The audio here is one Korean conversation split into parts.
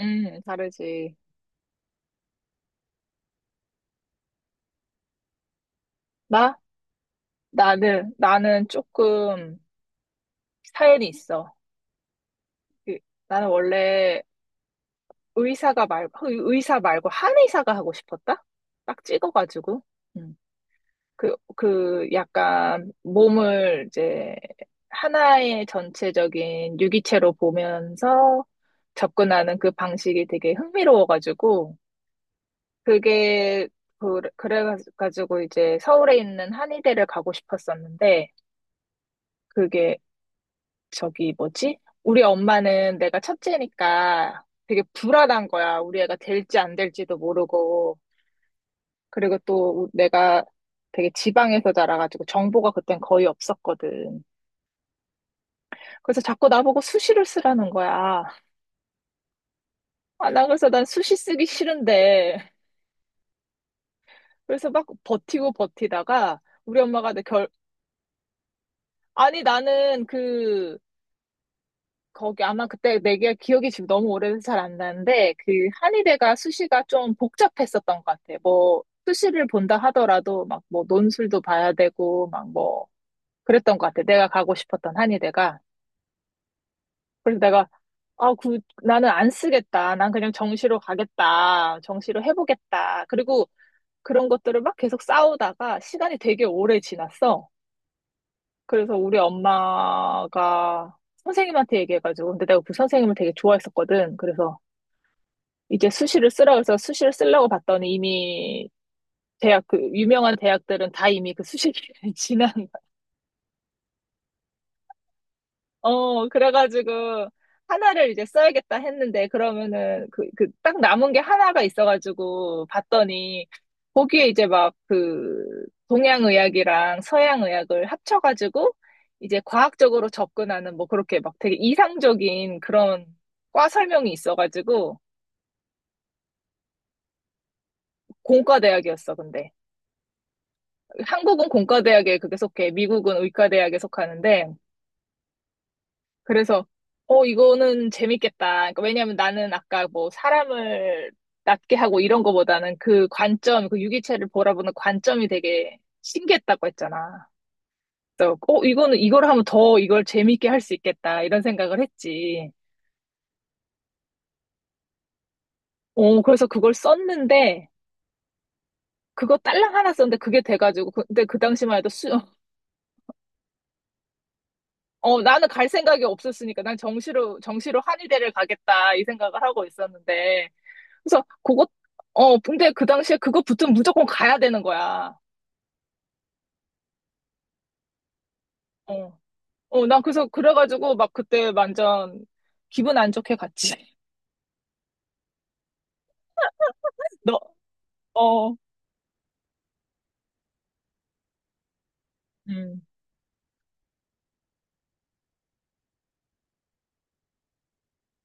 다르지. 나? 나는 조금 사연이 있어. 그, 나는 원래 의사 말고 한의사가 하고 싶었다? 딱 찍어가지고. 음. 그 약간 몸을 이제 하나의 전체적인 유기체로 보면서 접근하는 그 방식이 되게 흥미로워가지고. 그게, 그래가지고 이제 서울에 있는 한의대를 가고 싶었었는데, 그게 저기 뭐지? 우리 엄마는 내가 첫째니까 되게 불안한 거야. 우리 애가 될지 안 될지도 모르고. 그리고 또 내가 되게 지방에서 자라가지고 정보가 그땐 거의 없었거든. 그래서 자꾸 나보고 수시를 쓰라는 거야. 아, 나 그래서 난 수시 쓰기 싫은데. 그래서 막 버티고 버티다가 우리 엄마가 내 결. 아니 나는 그 거기 아마 그때 내가 기억이 지금 너무 오래돼서 잘 안 나는데 그 한의대가 수시가 좀 복잡했었던 것 같아. 뭐 수시를 본다 하더라도 막 뭐 논술도 봐야 되고 막 뭐 그랬던 것 같아. 내가 가고 싶었던 한의대가. 그래서 내가 아, 그 나는 안 쓰겠다. 난 그냥 정시로 가겠다. 정시로 해보겠다. 그리고 그런 것들을 막 계속 싸우다가 시간이 되게 오래 지났어. 그래서 우리 엄마가 선생님한테 얘기해가지고 근데 내가 그 선생님을 되게 좋아했었거든. 그래서 이제 수시를 쓰라고 해서 수시를 쓰려고 봤더니 이미 대학 그 유명한 대학들은 다 이미 그 수시 기간이 지난 거야. 어, 그래가지고 하나를 이제 써야겠다 했는데 그러면은 그 딱 남은 게 하나가 있어가지고 봤더니 거기에 이제 막 그 동양의학이랑 서양의학을 합쳐가지고 이제 과학적으로 접근하는 뭐 그렇게 막 되게 이상적인 그런 과 설명이 있어가지고 공과대학이었어. 근데 한국은 공과대학에 그게 속해, 미국은 의과대학에 속하는데, 그래서, 이거는 재밌겠다. 그러니까 왜냐면 나는 아까 뭐 사람을 낫게 하고 이런 거보다는 그 관점, 그 유기체를 바라보는 관점이 되게 신기했다고 했잖아. 그래서, 이걸 하면 더 이걸 재밌게 할 수 있겠다. 이런 생각을 했지. 그래서 그걸 썼는데, 그거 딸랑 하나 썼는데 그게 돼가지고, 근데 그 당시만 해도 수. 어, 나는 갈 생각이 없었으니까 난 정시로 한의대를 가겠다 이 생각을 하고 있었는데. 그래서 그거. 어, 근데 그 당시에 그거 붙으면 무조건 가야 되는 거야. 어, 어, 난 그래서 그래가지고 막 그때 완전 기분 안 좋게 갔지. 너. 어, 음,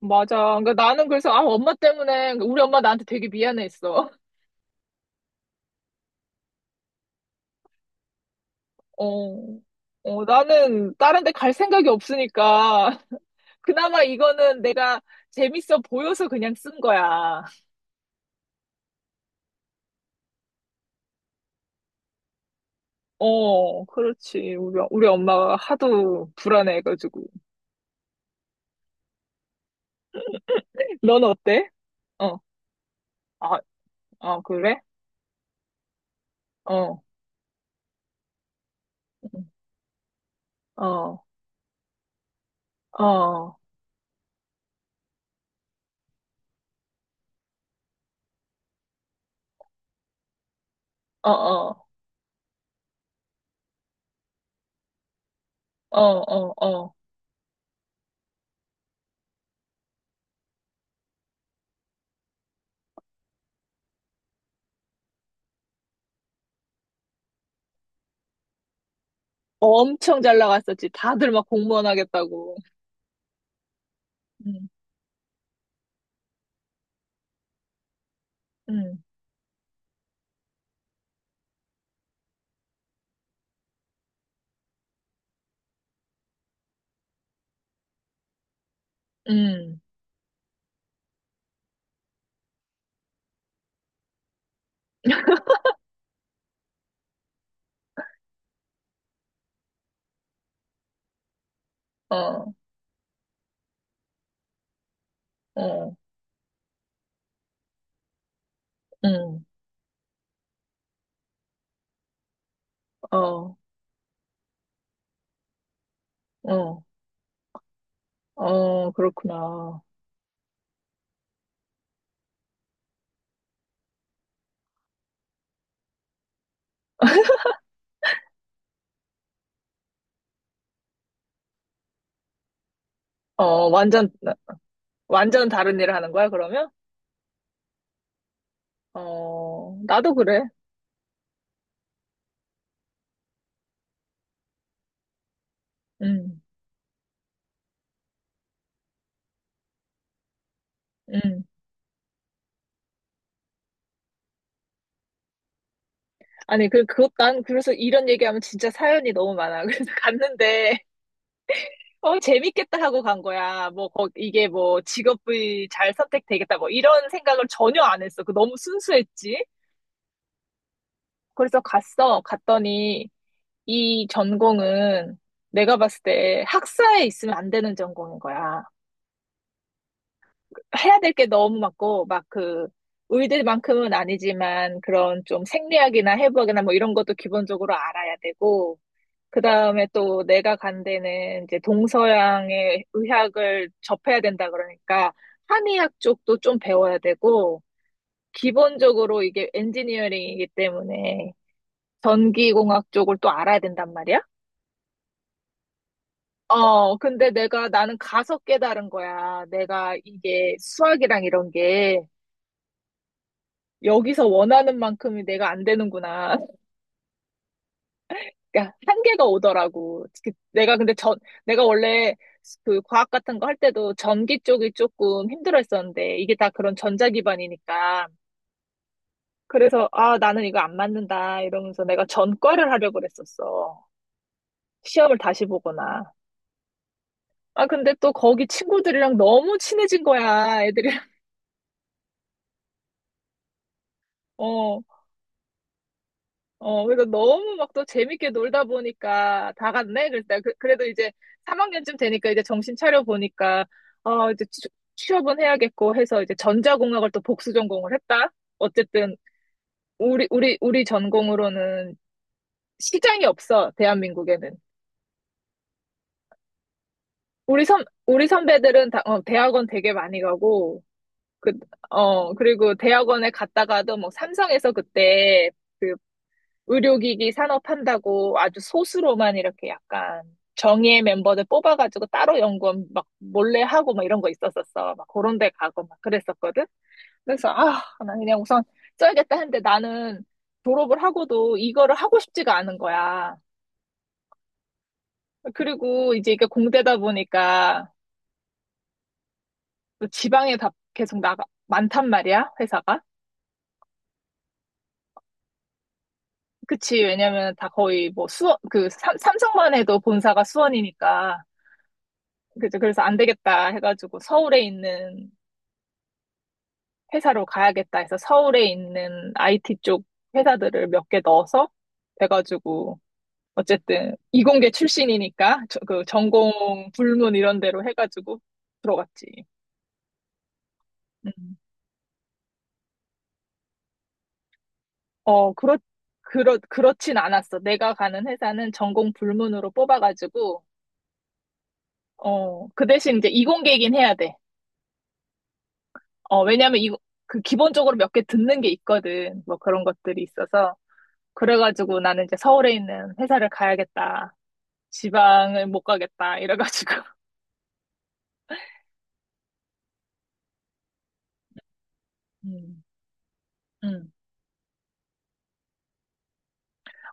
맞아. 그러니까 나는 그래서 아, 엄마 때문에 우리 엄마 나한테 되게 미안했어. 어, 어, 나는 다른 데 갈 생각이 없으니까 그나마 이거는 내가 재밌어 보여서 그냥 쓴 거야. 어, 그렇지. 우리 엄마가 하도 불안해가지고. 넌 어때? 어, 아, 아, 그래? 어, 어, 어, 어, 어, 어, 어, 어. 어, 엄청 잘 나갔었지. 다들 막 공무원 하겠다고. 응, 응, 응, 어, 어, 응, 어, 어, 어, 그렇구나. 어, 완전, 완전 다른 일을 하는 거야, 그러면? 어, 나도 그래. 응, 응. 아니, 그것, 난 그래서 이런 얘기하면 진짜 사연이 너무 많아. 그래서 갔는데, 어, 재밌겠다 하고 간 거야. 뭐, 이게 뭐, 직업이 잘 선택되겠다. 뭐, 이런 생각을 전혀 안 했어. 그 너무 순수했지? 그래서 갔어. 갔더니, 이 전공은 내가 봤을 때 학사에 있으면 안 되는 전공인 거야. 해야 될 게 너무 많고, 막 그. 의대만큼은 아니지만, 그런 좀 생리학이나 해부학이나 뭐 이런 것도 기본적으로 알아야 되고, 그 다음에 또 내가 간 데는 이제 동서양의 의학을 접해야 된다 그러니까 한의학 쪽도 좀 배워야 되고 기본적으로 이게 엔지니어링이기 때문에 전기공학 쪽을 또 알아야 된단 말이야. 어, 근데 내가 나는 가서 깨달은 거야. 내가 이게 수학이랑 이런 게 여기서 원하는 만큼이 내가 안 되는구나. 그러니까 한계가 오더라고. 내가 근데 전. 내가 원래 그 과학 같은 거 할 때도 전기 쪽이 조금 힘들어 했었는데, 이게 다 그런 전자 기반이니까. 그래서, 아, 나는 이거 안 맞는다. 이러면서 내가 전과를 하려고 그랬었어. 시험을 다시 보거나. 아, 근데 또 거기 친구들이랑 너무 친해진 거야, 애들이. 어, 어, 그래서 너무 막 또 재밌게 놀다 보니까 다 갔네? 그랬다. 그래도 이제 3학년쯤 되니까 이제 정신 차려 보니까, 어, 이제 취업은 해야겠고 해서 이제 전자공학을 또 복수 전공을 했다. 어쨌든, 우리 전공으로는 시장이 없어, 대한민국에는. 우리 선배들은 다, 대학원 되게 많이 가고, 그, 그리고 대학원에 갔다가도 뭐 삼성에서 그때 그 의료기기 산업한다고 아주 소수로만 이렇게 약간 정예 멤버들 뽑아가지고 따로 연구원 막 몰래 하고 막 이런 거 있었었어. 막 그런 데 가고 막 그랬었거든. 그래서 아, 나 그냥 우선 써야겠다 했는데 나는 졸업을 하고도 이거를 하고 싶지가 않은 거야. 그리고 이제 이게 공대다 보니까 또 지방에 다 계속 나가, 많단 말이야, 회사가. 그치, 왜냐면 다 거의 뭐 수원, 삼성만 해도 본사가 수원이니까. 그죠. 그래서 안 되겠다 해가지고 서울에 있는 회사로 가야겠다 해서 서울에 있는 IT 쪽 회사들을 몇 개 넣어서 돼가지고 어쨌든 이공계 출신이니까 그 전공 불문 이런 데로 해가지고 들어갔지. 음. 어, 그렇진 않았어. 내가 가는 회사는 전공 불문으로 뽑아가지고 어, 그 대신 이제 이공계긴 이 해야 돼. 어, 왜냐면 그 기본적으로 몇 개 듣는 게 있거든. 뭐 그런 것들이 있어서. 그래가지고 나는 이제 서울에 있는 회사를 가야겠다. 지방을 못 가겠다. 이래가지고. 음, 음,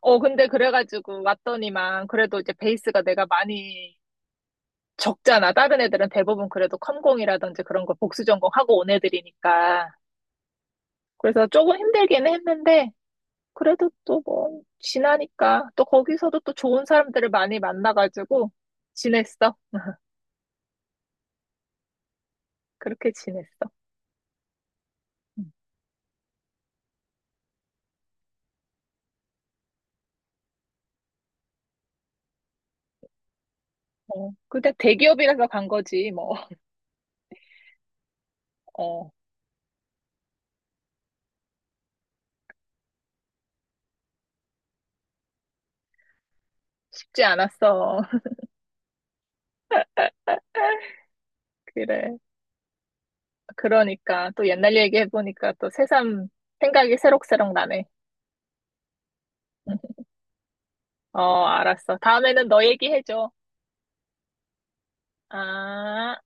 어, 근데 그래가지고 왔더니만 그래도 이제 베이스가 내가 많이 적잖아. 다른 애들은 대부분 그래도 컴공이라든지 그런 거 복수 전공하고 온 애들이니까. 그래서 조금 힘들기는 했는데, 그래도 또 뭐, 지나니까 또 거기서도 또 좋은 사람들을 많이 만나가지고 지냈어. 그렇게 지냈어. 음. 어, 근데 대기업이라서 간 거지, 뭐. 어. 쉽지 않았어. 그래. 그러니까 또 옛날 얘기 해보니까 또 새삼 생각이 새록새록 나네. 어, 알았어. 다음에는 너 얘기해줘. 아.